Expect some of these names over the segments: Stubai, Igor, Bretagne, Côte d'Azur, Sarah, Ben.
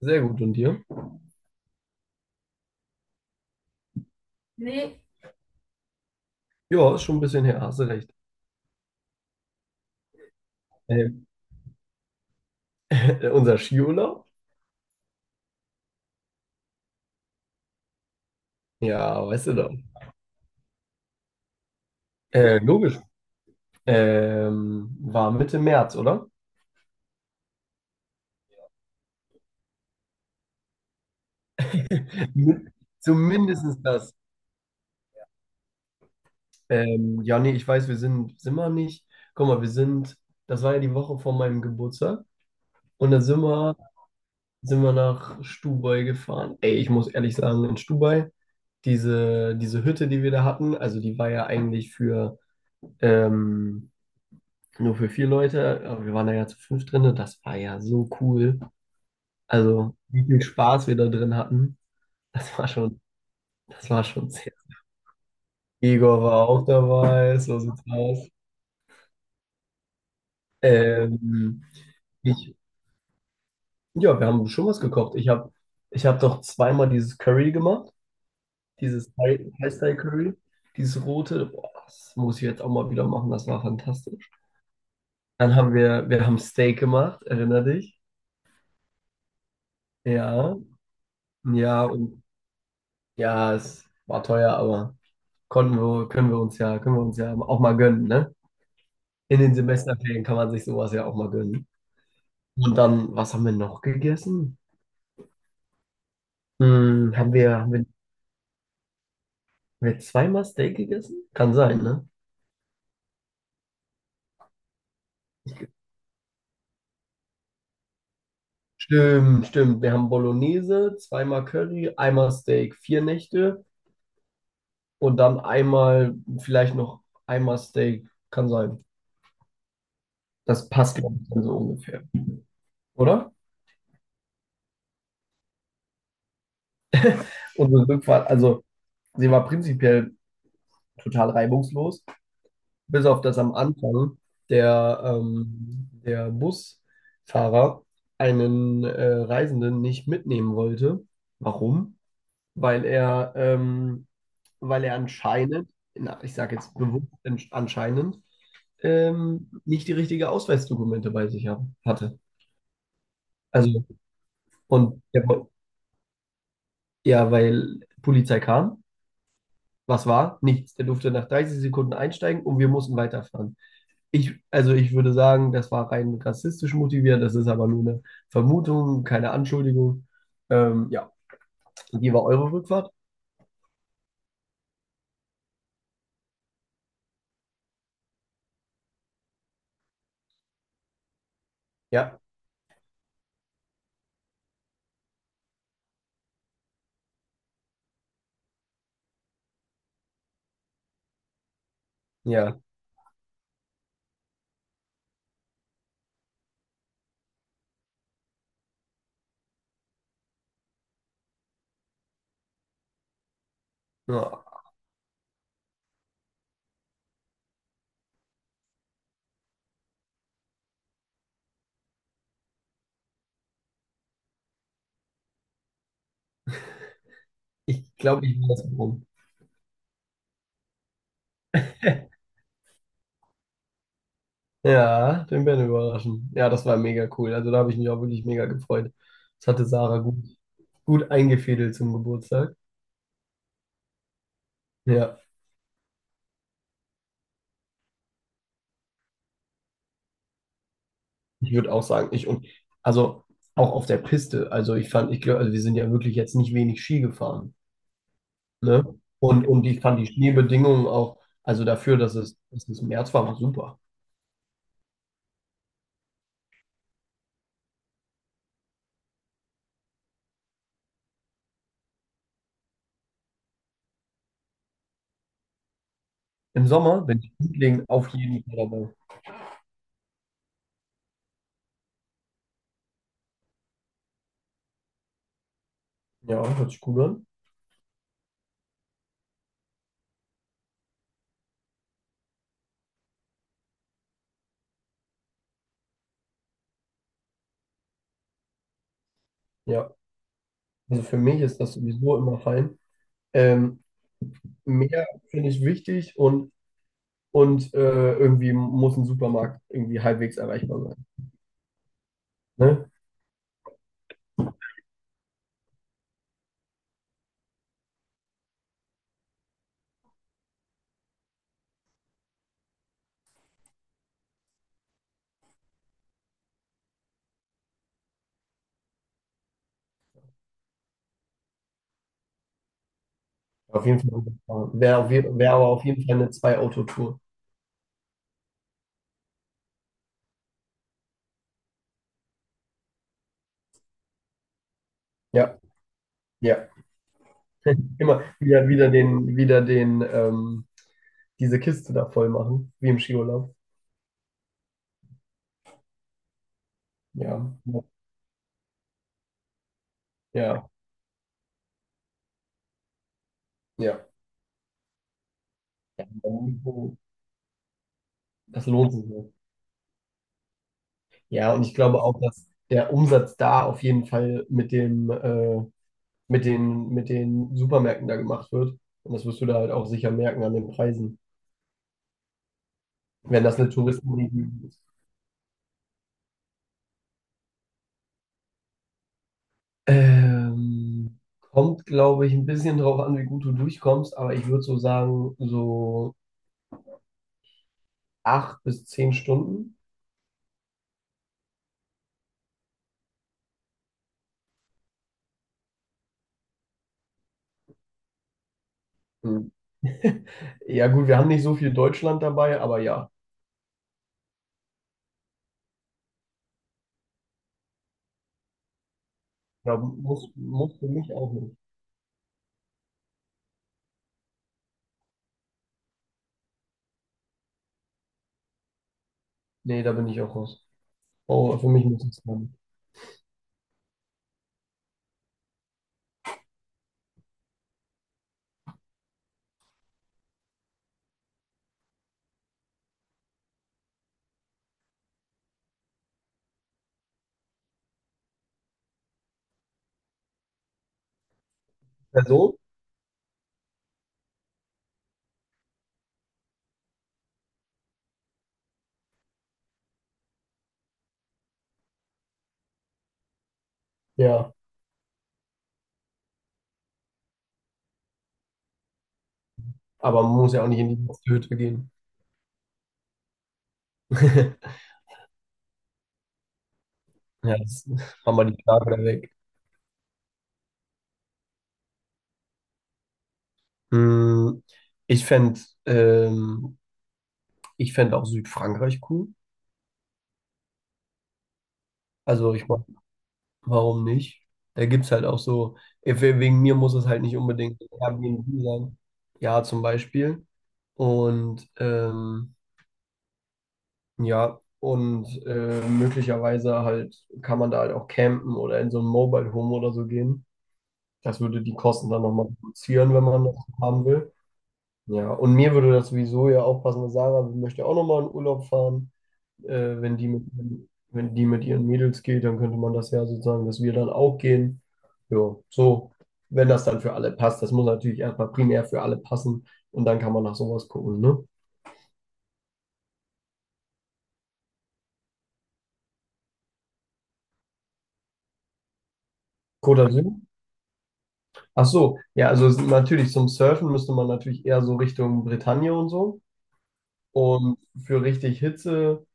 Sehr gut. Und dir? Nee. Ja, ist schon ein bisschen her, hast du recht. Ähm, unser Skiurlaub? Ja, weißt du doch. Logisch. War Mitte März, oder? Min- Zumindestens das. Ja, nee, ich weiß, sind wir nicht. Guck mal, das war ja die Woche vor meinem Geburtstag. Und dann sind wir nach Stubai gefahren. Ey, ich muss ehrlich sagen, in Stubai, diese Hütte, die wir da hatten, also die war ja eigentlich für ähm, nur für vier Leute, aber wir waren da ja zu fünf drin und das war ja so cool. Also, wie viel Spaß wir da drin hatten, das war schon, das war schon sehr. Igor war auch dabei, so sieht's aus. Ähm, ich, ja, wir haben schon was gekocht. Ich hab doch zweimal dieses Curry gemacht, dieses Thai-Style-Curry, dieses rote. Boah, das muss ich jetzt auch mal wieder machen, das war fantastisch. Dann haben wir, wir haben Steak gemacht, erinner dich? Ja, ja, und ja, es war teuer, aber können wir uns ja können wir uns ja, auch mal gönnen, ne? In den Semesterferien kann man sich sowas ja auch mal gönnen. Und dann, was haben wir noch gegessen? Haben wir zweimal Steak gegessen? Kann sein, ne? Stimmt, stimmt. Wir haben Bolognese, zweimal Curry, einmal Steak, 4 Nächte und dann einmal, vielleicht noch einmal Steak. Kann sein. Das passt, glaube ich, dann so ungefähr, oder? Unsere Rückfahrt, also sie war prinzipiell total reibungslos, bis auf das am Anfang der Busfahrer einen Reisenden nicht mitnehmen wollte. Warum? Weil er, ähm, Weil er anscheinend, na, ich sage jetzt bewusst anscheinend, nicht die richtige Ausweisdokumente bei sich hatte. Also, und der, woll- ja, weil Polizei kam. Was war? Nichts. Der durfte nach 30 Sekunden einsteigen und wir mussten weiterfahren. Also ich würde sagen, das war rein rassistisch motiviert, das ist aber nur eine Vermutung, keine Anschuldigung. Ja, wie war eure Rückfahrt? Ja, ja, ja. Ich glaube, ich bin das rum. Ja, den Ben überraschen. Ja, das war mega cool. Also da habe ich mich auch wirklich mega gefreut. Das hatte Sarah gut eingefädelt zum Geburtstag. Ja, ich würde auch sagen, ich und also auch auf der Piste. Also ich fand, ich glaube, also wir sind ja wirklich jetzt nicht wenig Ski gefahren. Ne? Und ich fand die Schneebedingungen auch, also dafür, dass es im März war, war super. Im Sommer bin ich Liebling auf jeden Fall dabei. Ja, hört sich gut an. Ja, also für mich ist das sowieso immer fein. Ähm, Meer finde ich wichtig und irgendwie muss ein Supermarkt irgendwie halbwegs erreichbar sein. Ne? Auf jeden Fall wär aber auf jeden Fall eine Zwei-Auto-Tour. Ja, ja. Immer wieder, diese Kiste da voll machen, wie im Skiurlaub. Ja, ja, ja. Ja, das lohnt sich nicht. Ja, und ich glaube auch, dass der Umsatz da auf jeden Fall mit den Supermärkten da gemacht wird. Und das wirst du da halt auch sicher merken an den Preisen, wenn das eine Touristenregion ist. Kommt, glaube ich, ein bisschen drauf an, wie gut du durchkommst, aber ich würde so sagen, so 8 bis 10 Stunden. Hm. Ja, gut, wir haben nicht so viel Deutschland dabei, aber ja, da muss für mich auch nicht. Nee, da bin ich auch raus. Oh, für mich muss es sein. Person? Ja, aber man muss ja auch nicht in die Hütte gehen. Ja, das haben wir die Frage da weg. Hm, ich fände ähm, Ich fänd auch Südfrankreich cool. Also ich Warum nicht? Da gibt es halt auch so, eh, Wegen mir muss es halt nicht unbedingt Airbnb sein. Ja, zum Beispiel. Und ähm, ja, möglicherweise halt kann man da halt auch campen oder in so ein Mobile Home oder so gehen. Das würde die Kosten dann nochmal reduzieren, wenn man das haben will. Ja, und mir würde das sowieso ja auch passen, weil Sarah möchte auch nochmal in Urlaub fahren, äh, wenn die mit, wenn die mit ihren Mädels geht, dann könnte man das ja sozusagen, dass wir dann auch gehen. Ja, so, wenn das dann für alle passt. Das muss natürlich erstmal primär für alle passen und dann kann man nach sowas gucken, ne? Côte d'Azur? Ach so, ja, also natürlich zum Surfen müsste man natürlich eher so Richtung Bretagne und so. Und für richtig Hitze,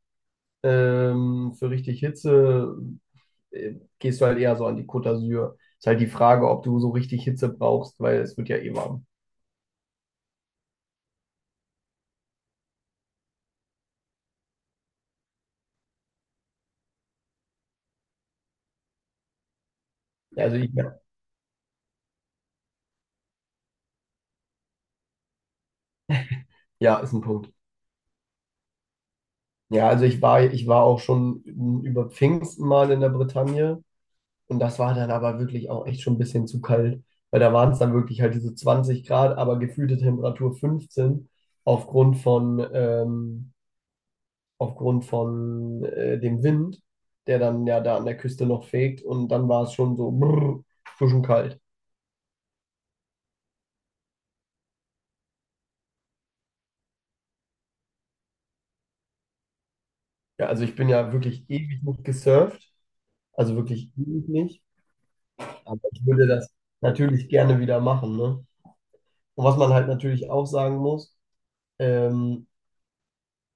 für richtig Hitze gehst du halt eher so an die Côte d'Azur. Ist halt die Frage, ob du so richtig Hitze brauchst, weil es wird ja eh warm. Also ich, ja, ist ein Punkt. Ja, also ich war auch schon über Pfingsten mal in der Bretagne und das war dann aber wirklich auch echt schon ein bisschen zu kalt, weil da waren es dann wirklich halt diese 20 Grad, aber gefühlte Temperatur 15 aufgrund von, ähm, aufgrund von dem Wind, der dann ja da an der Küste noch fegt und dann war es schon so brrr, schon kalt. Ja, also ich bin ja wirklich ewig nicht gesurft, also wirklich ewig nicht, aber ich würde das natürlich gerne wieder machen, ne? Und was man halt natürlich auch sagen muss, ähm,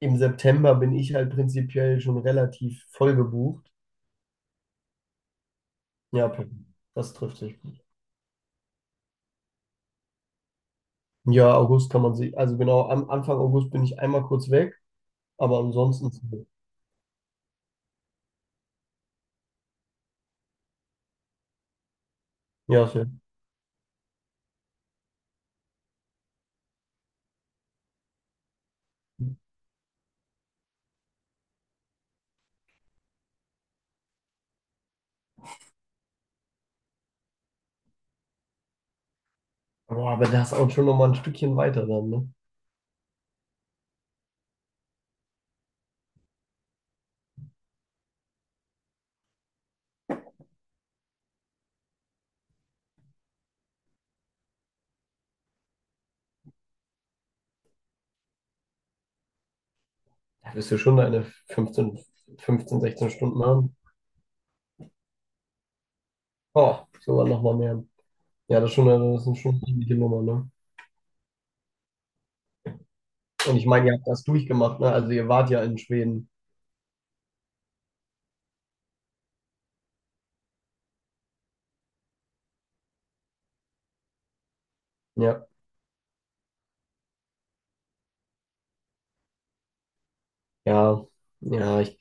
im September bin ich halt prinzipiell schon relativ voll gebucht. Ja, perfekt. Das trifft sich gut. Ja, August kann man sich, also genau, am Anfang August bin ich einmal kurz weg, aber ansonsten, ja, ist ja. Boah, aber das ist auch schon nochmal ein Stückchen weiter dann, ne? Da wirst du schon deine fünfzehn, 16 Stunden haben. Oh, sogar nochmal mehr. Ja, das ist schon eine ordentliche Nummer, ne? Und ich meine, ihr habt das durchgemacht, ne? Also ihr wart ja in Schweden. Ja. Ja, ja, ich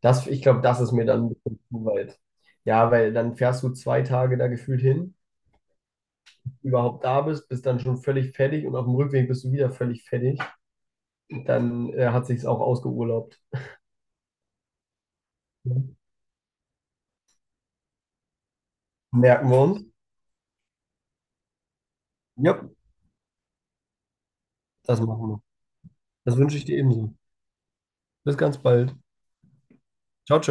Das, ich glaube, das ist mir dann ein bisschen zu weit. Ja, weil dann fährst du 2 Tage da gefühlt hin, überhaupt da bist, dann schon völlig fertig und auf dem Rückweg bist du wieder völlig fertig. Dann hat sich's auch ausgeurlaubt. Merken wir uns. Ja, das machen wir. Das wünsche ich dir ebenso. Bis ganz bald. Ciao, ciao.